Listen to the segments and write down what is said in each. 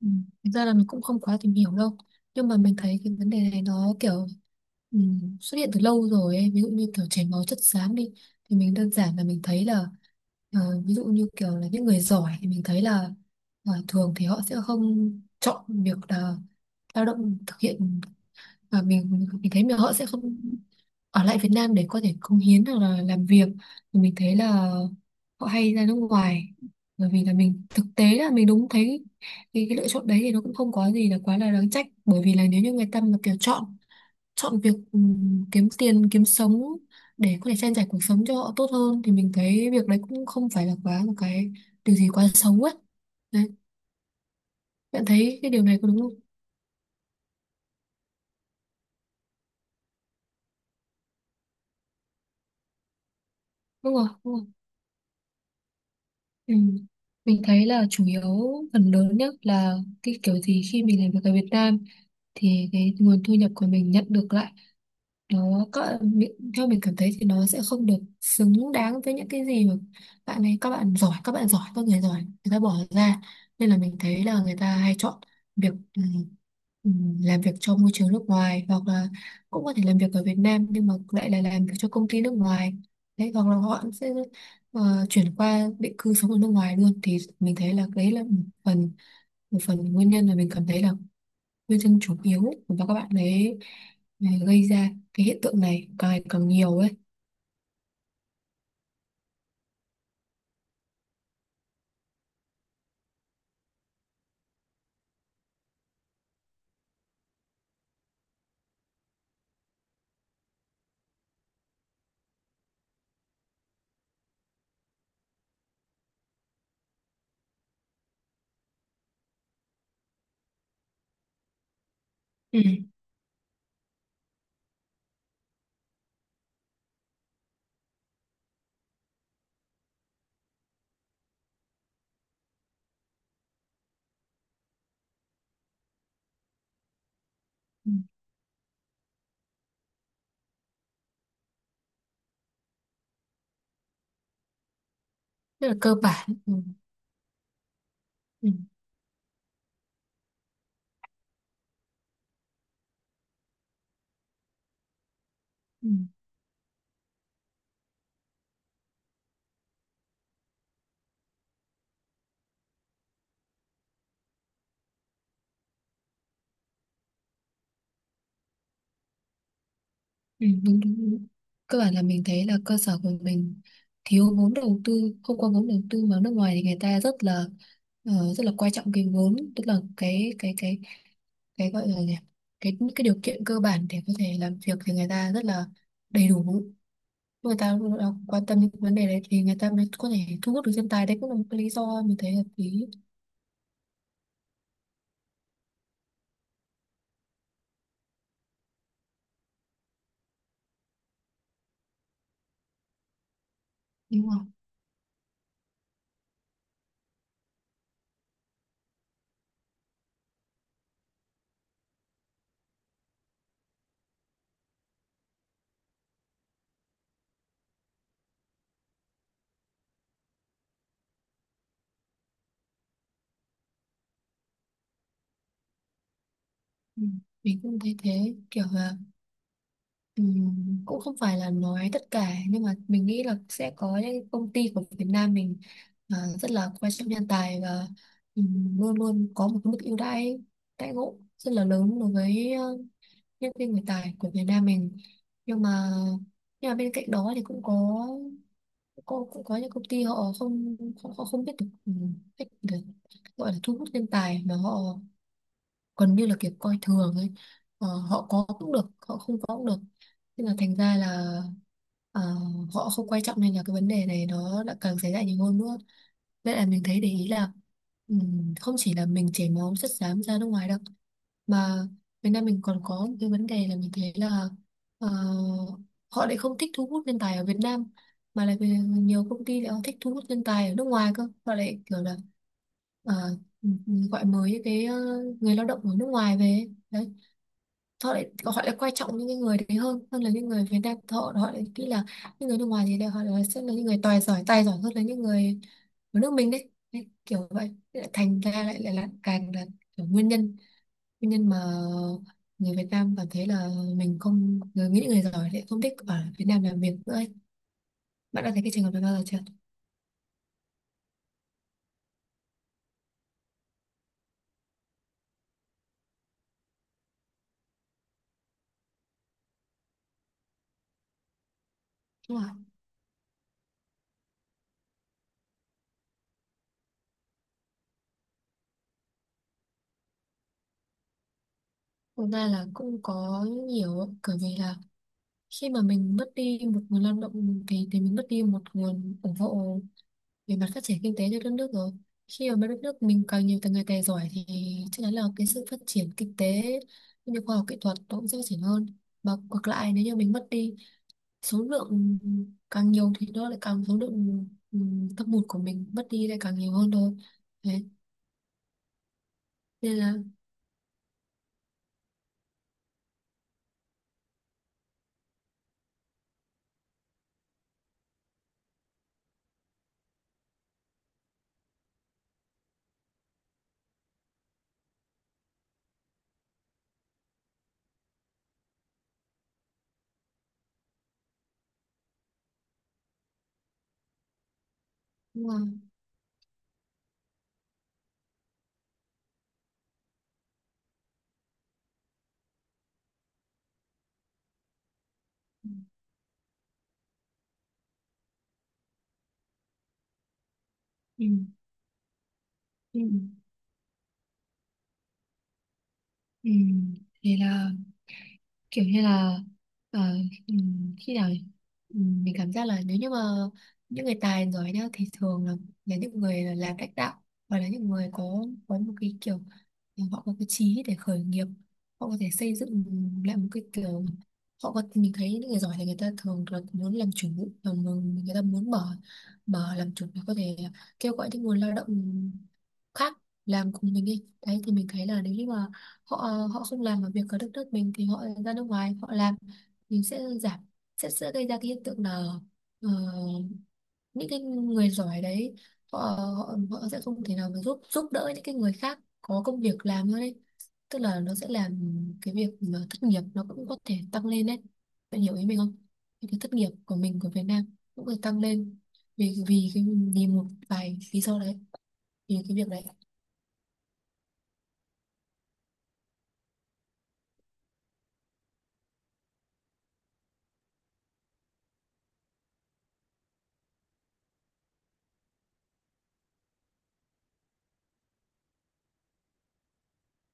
Ừ. Thực ra là mình cũng không quá tìm hiểu đâu nhưng mà mình thấy cái vấn đề này nó kiểu ừ, xuất hiện từ lâu rồi ấy. Ví dụ như kiểu chảy máu chất xám đi thì mình đơn giản là mình thấy là ờ, ví dụ như kiểu là những người giỏi thì mình thấy là thường thì họ sẽ không chọn việc là lao động thực hiện, và mình thấy mà họ sẽ không ở lại Việt Nam để có thể cống hiến hoặc là làm việc thì mình thấy là họ hay ra nước ngoài, bởi vì là mình thực tế là mình đúng thấy cái lựa chọn đấy thì nó cũng không có gì là quá là đáng trách, bởi vì là nếu như người ta mà kiểu chọn chọn việc kiếm tiền kiếm sống để có thể trang trải cuộc sống cho họ tốt hơn thì mình thấy việc đấy cũng không phải là quá một cái điều gì quá xấu ấy, đấy. Bạn thấy cái điều này có đúng không? Đúng rồi, đúng rồi. Ừ. Mình thấy là chủ yếu, phần lớn nhất là cái kiểu gì khi mình làm việc ở Việt Nam thì cái nguồn thu nhập của mình nhận được lại, nó có theo mình cảm thấy thì nó sẽ không được xứng đáng với những cái gì mà bạn ấy, các bạn giỏi, các bạn giỏi, các người giỏi, người ta bỏ ra, nên là mình thấy là người ta hay chọn việc ừ, làm việc cho môi trường nước ngoài hoặc là cũng có thể làm việc ở Việt Nam nhưng mà lại là làm việc cho công ty nước ngoài đấy, hoặc là họ sẽ chuyển qua định cư sống ở nước ngoài luôn. Thì mình thấy là đấy là một phần, một phần nguyên nhân mà mình cảm thấy là nguyên nhân chủ yếu, và các bạn ấy ấy gây ra cái hiện tượng này càng ngày càng nhiều ấy. Ừ. Ừ. Rất là cơ bản. Ừ. Ừ. Ừ. Ừ. Đúng, đúng, đúng. Cơ bản là mình thấy là cơ sở của mình thiếu vốn đầu tư, không có vốn đầu tư, mà nước ngoài thì người ta rất là quan trọng cái vốn, tức là cái gọi là gì nhỉ? Cái điều kiện cơ bản để có thể làm việc thì người ta rất là đầy đủ, người ta cũng quan tâm đến vấn đề đấy thì người ta mới có thể thu hút được nhân tài, đấy cũng là một cái lý do mình thấy hợp lý. Đúng không? Ừ. Mình cũng thấy thế, kiểu là cũng không phải là nói tất cả nhưng mà mình nghĩ là sẽ có những công ty của Việt Nam mình, à, rất là quan trọng nhân tài, và luôn luôn có một cái mức ưu đãi, đãi ngộ rất là lớn đối với nhân viên, người tài của Việt Nam mình. Nhưng mà bên cạnh đó thì cũng có, cũng có những công ty họ không, họ không biết được cách để gọi là thu hút nhân tài mà họ gần như là kiểu coi thường ấy. Họ có cũng được, họ không có cũng được, nên là thành ra là ờ, họ không quan trọng, nên là cái vấn đề này nó đã càng xảy ra nhiều hơn nữa. Nên là mình thấy để ý là không chỉ là mình chảy máu chất xám ra nước ngoài đâu, mà Việt Nam mình còn có một cái vấn đề là mình thấy là ờ, họ lại không thích thu hút nhân tài ở Việt Nam, mà là vì nhiều công ty lại họ thích thu hút nhân tài ở nước ngoài cơ, họ lại kiểu là ờ, mình gọi mới những cái người lao động ở nước ngoài về đấy, họ lại quan trọng những cái người đấy hơn hơn là những người Việt Nam. Họ Họ lại nghĩ là những người nước ngoài thì đều họ là sẽ là những người tài giỏi, tài giỏi hơn là những người ở nước mình đấy, đấy kiểu vậy. Thế lại thành ra lại lại là càng là kiểu nguyên nhân, mà người Việt Nam cảm thấy là mình không, người nghĩ, người giỏi lại không thích ở Việt Nam làm việc nữa ấy. Bạn đã thấy cái trường hợp này bao giờ chưa? Đúng rồi. Thực ra là cũng có nhiều ạ, bởi vì là khi mà mình mất đi một nguồn lao động thì mình mất đi một nguồn ủng hộ về mặt phát triển kinh tế cho đất nước rồi. Khi mà đất nước mình càng nhiều người tài giỏi thì chắc chắn là cái sự phát triển kinh tế cũng như khoa học kỹ thuật nó cũng sẽ phát triển hơn, và ngược lại nếu như mình mất đi số lượng càng nhiều thì nó lại càng số lượng thâm hụt của mình mất đi lại càng nhiều hơn thôi, đấy nên là. Đúng rồi. Ừ. Ừ. Ừ. Ừ, thì là kiểu như là ờ, khi nào mình cảm giác là nếu như mà những người tài giỏi nhá thì thường là, những người là làm lãnh đạo hoặc là những người có một cái kiểu thì họ có cái chí để khởi nghiệp, họ có thể xây dựng lại một cái kiểu, họ có, mình thấy những người giỏi thì người ta thường là muốn làm chủ và người ta muốn mở mở làm chủ để có thể kêu gọi những nguồn lao động khác làm cùng mình đi đấy. Thì mình thấy là nếu như mà họ, không làm ở việc ở đất nước mình thì họ ra nước ngoài họ làm, mình sẽ giảm, sẽ gây ra cái hiện tượng là ờ, những cái người giỏi đấy họ, họ họ sẽ không thể nào mà giúp giúp đỡ những cái người khác có công việc làm nữa đấy, tức là nó sẽ làm cái việc mà thất nghiệp nó cũng có thể tăng lên đấy. Bạn hiểu ý mình không? Thì cái thất nghiệp của mình, của Việt Nam cũng phải tăng lên vì vì cái vì một vài lý do đấy, vì cái việc đấy.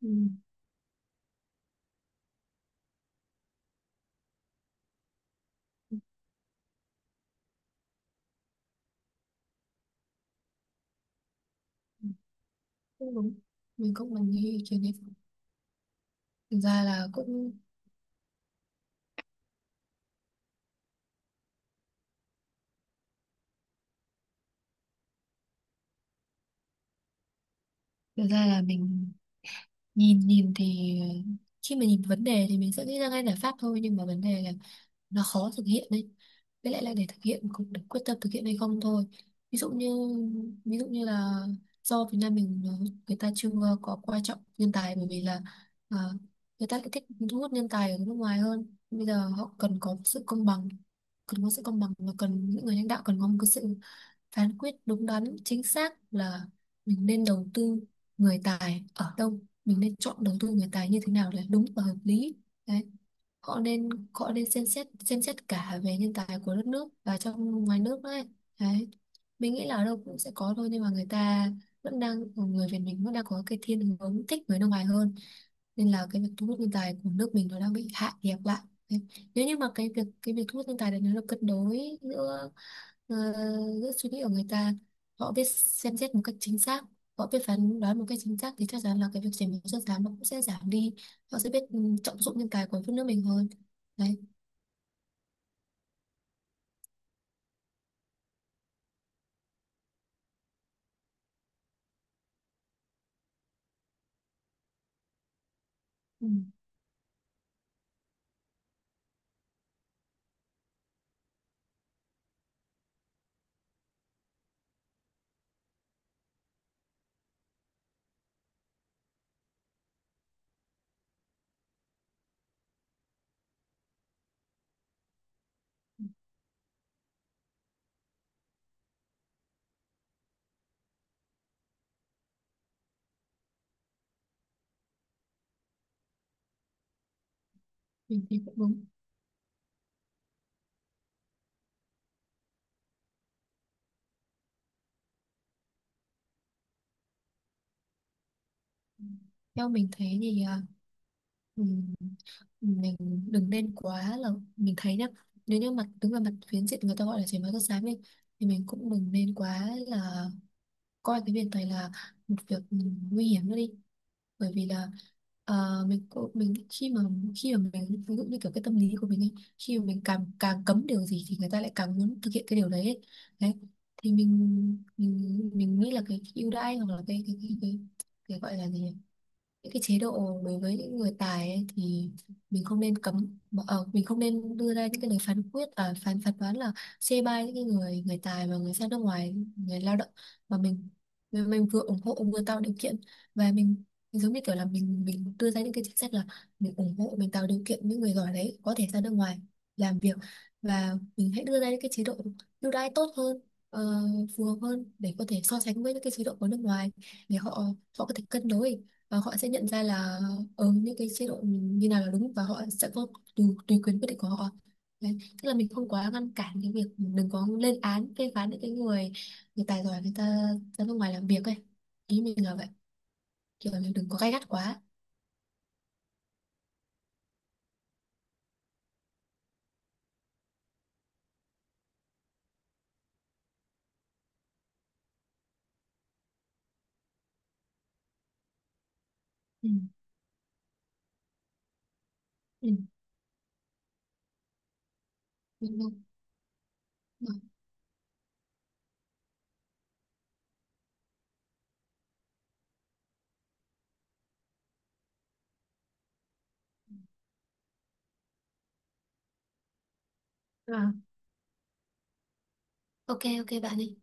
Ừ. Cũng đúng, mình nghĩ ý kiến đấy. Thực ra là cũng, thực ra là mình nhìn nhìn thì khi mà nhìn vấn đề thì mình sẽ nghĩ ra ngay giải pháp thôi nhưng mà vấn đề là nó khó thực hiện đấy, với lại là để thực hiện cũng, để quyết tâm thực hiện hay không thôi. Ví dụ như, là do Việt Nam mình, người ta chưa, có coi trọng nhân tài bởi vì là, ờ, người ta lại thích thu hút nhân tài ở nước ngoài hơn. Bây giờ họ cần có sự công bằng, cần có sự công bằng và cần những người lãnh đạo, cần có một cái sự phán quyết đúng đắn chính xác là mình nên đầu tư người tài ở đâu, mình nên chọn đầu tư người tài như thế nào để đúng và hợp lý, đấy. Họ nên xem xét cả về nhân tài của đất nước và trong ngoài nước đấy, đấy. Mình nghĩ là ở đâu cũng sẽ có thôi nhưng mà người ta vẫn đang người Việt mình vẫn đang có cái thiên hướng thích người nước ngoài hơn, nên là cái việc thu hút nhân tài của nước mình nó đang bị hạ nhiệt lại. Đấy. Nếu như mà cái việc thu hút nhân tài đấy nó được cân đối giữa, ờ, giữa suy nghĩ của người ta, họ biết xem xét một cách chính xác, họ biết phán đoán một cách chính xác thì chắc chắn là cái việc chảy máu chất xám nó cũng sẽ giảm đi, họ sẽ biết trọng dụng nhân tài của đất nước mình hơn, đấy. Ừ. Mình thấy cũng đúng. Theo mình thấy thì uh, mình đừng nên quá là, mình thấy nhá, nếu như mặt đứng về mặt phiến diện người ta gọi là chảy máu chất xám đi thì mình cũng đừng nên quá là coi cái việc này là một việc nguy hiểm nữa đi, bởi vì là mình khi mà mình ví dụ như kiểu cái tâm lý của mình ấy, khi mà mình càng càng cấm điều gì thì người ta lại càng muốn thực hiện cái điều đấy ấy, đấy. Thì mình nghĩ là cái ưu đãi hoặc là cái gọi là gì nhỉ? Những cái chế độ đối với những người tài ấy, thì mình không nên đưa ra những cái lời phán quyết, à, phán phán đoán là chê bai những cái người người tài và người ra nước ngoài, người lao động, mà mình, vừa ủng hộ vừa tạo điều kiện, và mình giống như kiểu là mình đưa ra những cái chính sách là mình ủng hộ, mình tạo điều kiện những người giỏi đấy có thể ra nước ngoài làm việc, và mình hãy đưa ra những cái chế độ ưu đãi tốt hơn, ờ, phù hợp hơn để có thể so sánh với những cái chế độ của nước ngoài, để họ, có thể cân đối và họ sẽ nhận ra là những cái chế độ như nào là đúng và họ sẽ có tùy quyền quyết định của họ, đấy. Tức là mình không quá ngăn cản cái việc, đừng có lên án phê phán những cái người người tài giỏi, người ta ra nước ngoài làm việc ấy, ý mình là vậy, kiểu là mình đừng có gay gắt quá. Ừ. Ừ. Đúng không? Đúng. À, ok ok bạn ấy.